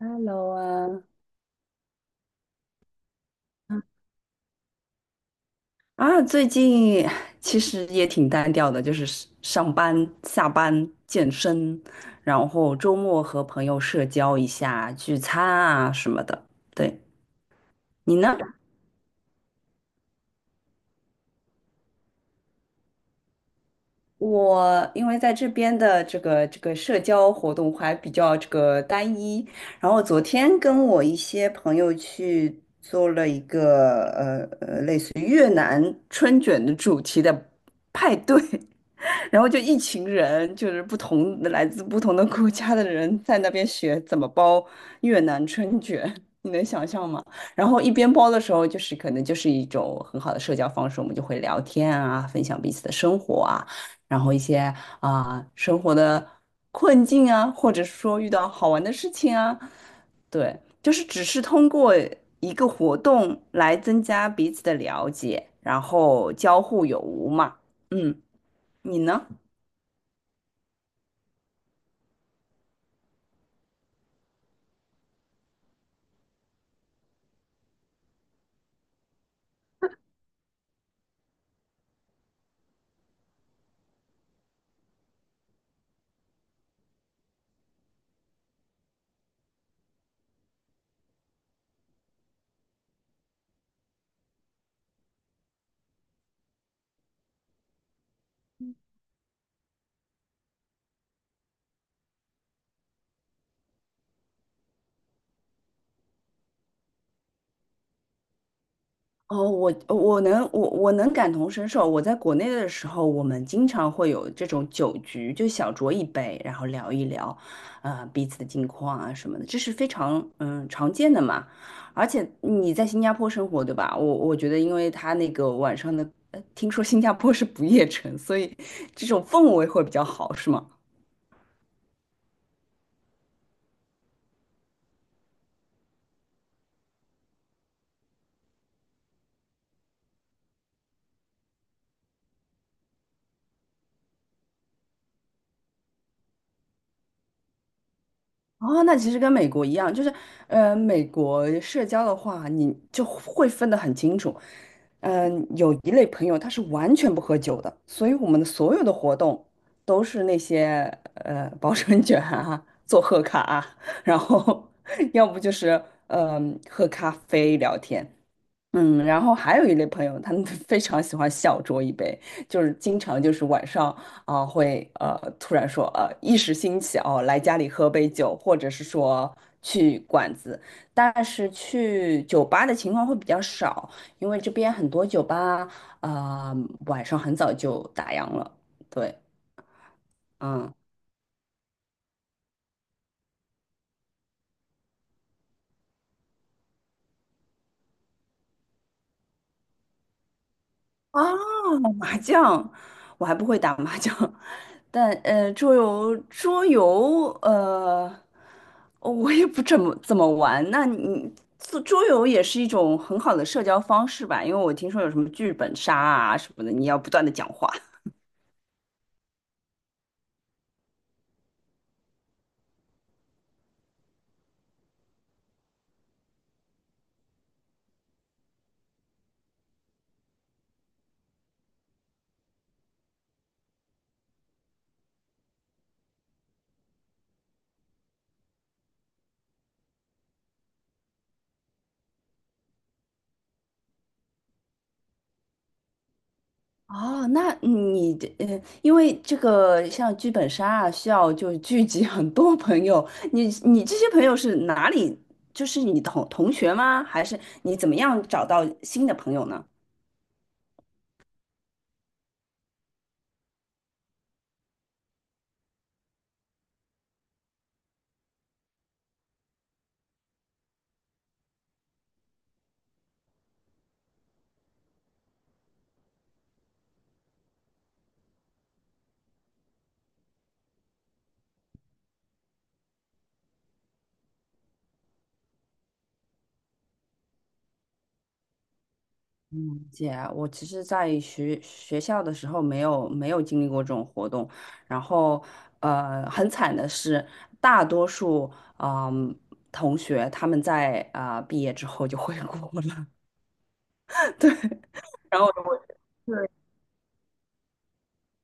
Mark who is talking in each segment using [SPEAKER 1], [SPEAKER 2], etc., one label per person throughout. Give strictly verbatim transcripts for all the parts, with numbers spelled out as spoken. [SPEAKER 1] Hello 啊，啊，最近其实也挺单调的，就是是上班、下班、健身，然后周末和朋友社交一下、聚餐啊什么的。对，你呢？我因为在这边的这个这个社交活动还比较这个单一，然后昨天跟我一些朋友去做了一个呃就是越南春卷的主题的派对，然后就一群人，就是不同的来自不同的国家的人在那边学怎么包越南春卷，你能想象吗？然后一边包的时候，就是可能就是一种很好的社交方式，我们就会聊天啊，分享彼此的生活啊，然后一些啊、生活的困境啊，或者说遇到好玩的事情啊。对，就是只是通过一个活动来增加彼此的了解，然后交互有无嘛。嗯，你呢？哦，我我能我我能感同身受。我在国内的时候，我们经常会有这种酒局，就小酌一杯，然后聊一聊，啊，彼此的近况啊什么的，这是非常嗯常见的嘛。而且你在新加坡生活，对吧？我我觉得，因为他那个晚上的，呃听说新加坡是不夜城，所以这种氛围会比较好，是吗？哦，那其实跟美国一样，就是，呃，美国社交的话，你就会分得很清楚。嗯、有一类朋友他是完全不喝酒的，所以我们的所有的活动都是那些呃包春卷啊、做贺卡啊，然后 要不就是嗯、喝咖啡聊天，嗯，然后还有一类朋友，他们 非常喜欢小酌一杯，就是经常就是晚上啊、会呃突然说呃一时兴起哦来家里喝杯酒，或者是说去馆子，但是去酒吧的情况会比较少，因为这边很多酒吧啊、晚上很早就打烊了，对，嗯。啊 麻将，我还不会打麻将，但呃，桌游，桌游，呃。哦，我也不怎么怎么玩。那你做桌游也是一种很好的社交方式吧？因为我听说有什么剧本杀啊什么的，你要不断的讲话。哦，那你的呃，因为这个像剧本杀啊，需要就是聚集很多朋友。你你这些朋友是哪里？就是你同同学吗？还是你怎么样找到新的朋友呢？嗯，姐，我其实，在学学校的时候没有没有经历过这种活动，然后呃，很惨的是，大多数嗯、同学他们在啊、毕业之后就回国了，对，然后我对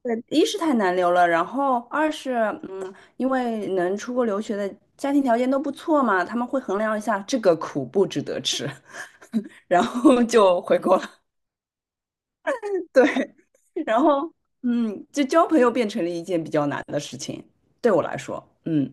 [SPEAKER 1] 对，一是太难留了，然后二是嗯，因为能出国留学的家庭条件都不错嘛，他们会衡量一下这个苦不值得吃，然后就回国了。对，然后嗯，就交朋友变成了一件比较难的事情，对我来说，嗯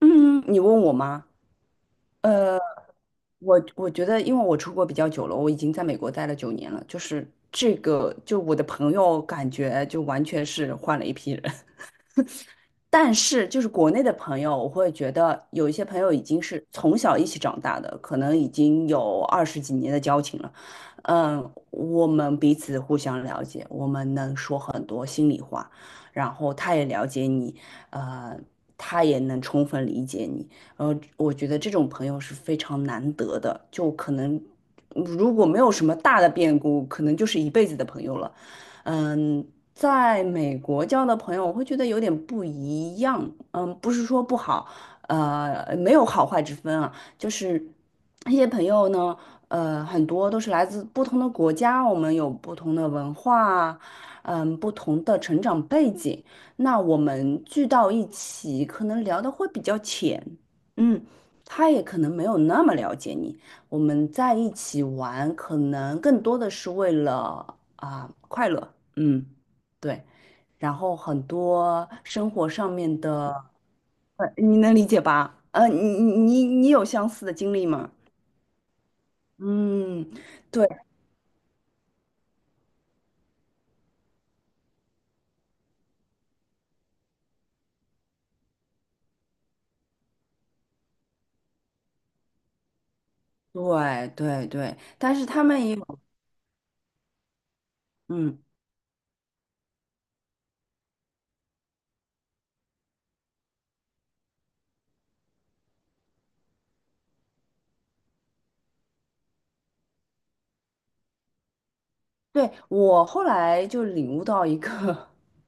[SPEAKER 1] 嗯，你问我吗？呃，我我觉得，因为我出国比较久了，我已经在美国待了九年了，就是这个，就我的朋友感觉就完全是换了一批人，但是，就是国内的朋友，我会觉得有一些朋友已经是从小一起长大的，可能已经有二十几年的交情了。嗯，我们彼此互相了解，我们能说很多心里话，然后他也了解你，呃，他也能充分理解你。呃，我觉得这种朋友是非常难得的，就可能如果没有什么大的变故，可能就是一辈子的朋友了。嗯，在美国交的朋友，我会觉得有点不一样。嗯，不是说不好，呃，没有好坏之分啊，就是那些朋友呢，呃，很多都是来自不同的国家，我们有不同的文化，嗯，不同的成长背景，那我们聚到一起，可能聊的会比较浅，嗯，他也可能没有那么了解你。我们在一起玩，可能更多的是为了啊、快乐，嗯，对，然后很多生活上面的，呃，你能理解吧？呃，你你你你有相似的经历吗？嗯，对对对对，但是他们也有，嗯，对，我后来就领悟到一个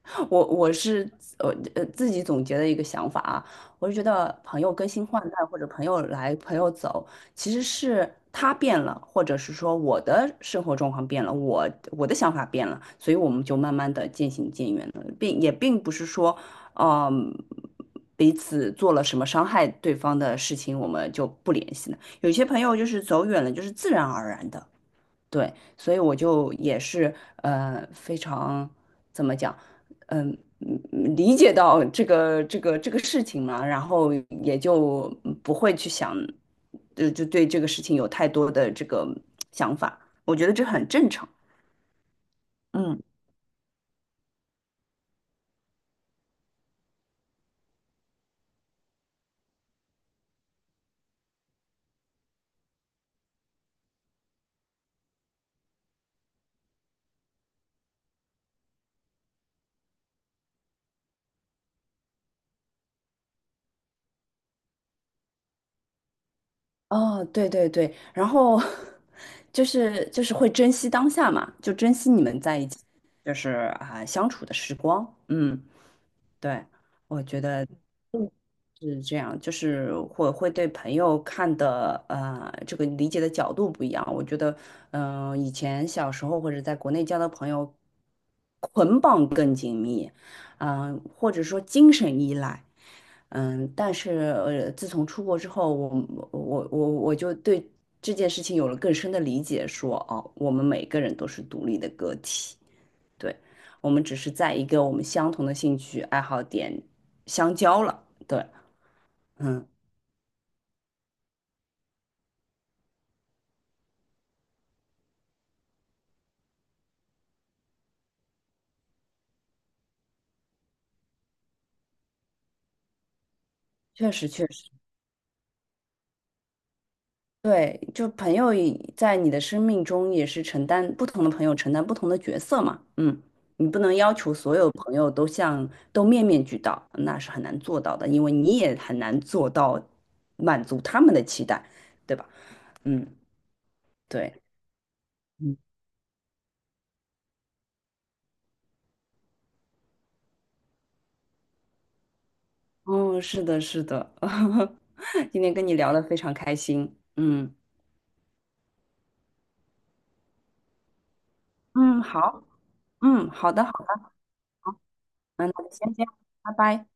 [SPEAKER 1] 我我是呃呃自己总结的一个想法啊，我是觉得朋友更新换代或者朋友来朋友走，其实是他变了，或者是说我的生活状况变了，我我的想法变了，所以我们就慢慢的渐行渐远了，并也并不是说，嗯，彼此做了什么伤害对方的事情，我们就不联系了。有些朋友就是走远了，就是自然而然的。对，所以我就也是呃非常怎么讲，嗯、嗯嗯理解到这个这个这个事情嘛，然后也就不会去想，就就对这个事情有太多的这个想法，我觉得这很正常。嗯，哦，对对对，然后 就是就是会珍惜当下嘛，就就是啊、相处的时光，嗯，对，我觉得。嗯。是这样，就是会会对朋友看的呃这个理解的角度不一样。我觉得，嗯、以前小时候或者在国内交的朋友，捆绑更紧密，嗯、或者说精神依赖，嗯、但是呃，自从出国之后，我我我我就对这件事情有了更深的理解说，哦，我们每个人都是独立的个体，对，我们只是在一个我们相同的兴趣爱好点相交了，对。嗯确实，确实，对，就朋友也在你的生命中也是承担不同的朋友承担不同的角色嘛，嗯，你不能要求所有朋友都像都面面俱到，那是很难做到的，因为你也很难做到满足他们的期待，对吧？嗯，对，嗯，哦，是的，是的，今天跟你聊得非常开心，嗯嗯，好，嗯，好的，好的，嗯，那就先这样，拜拜。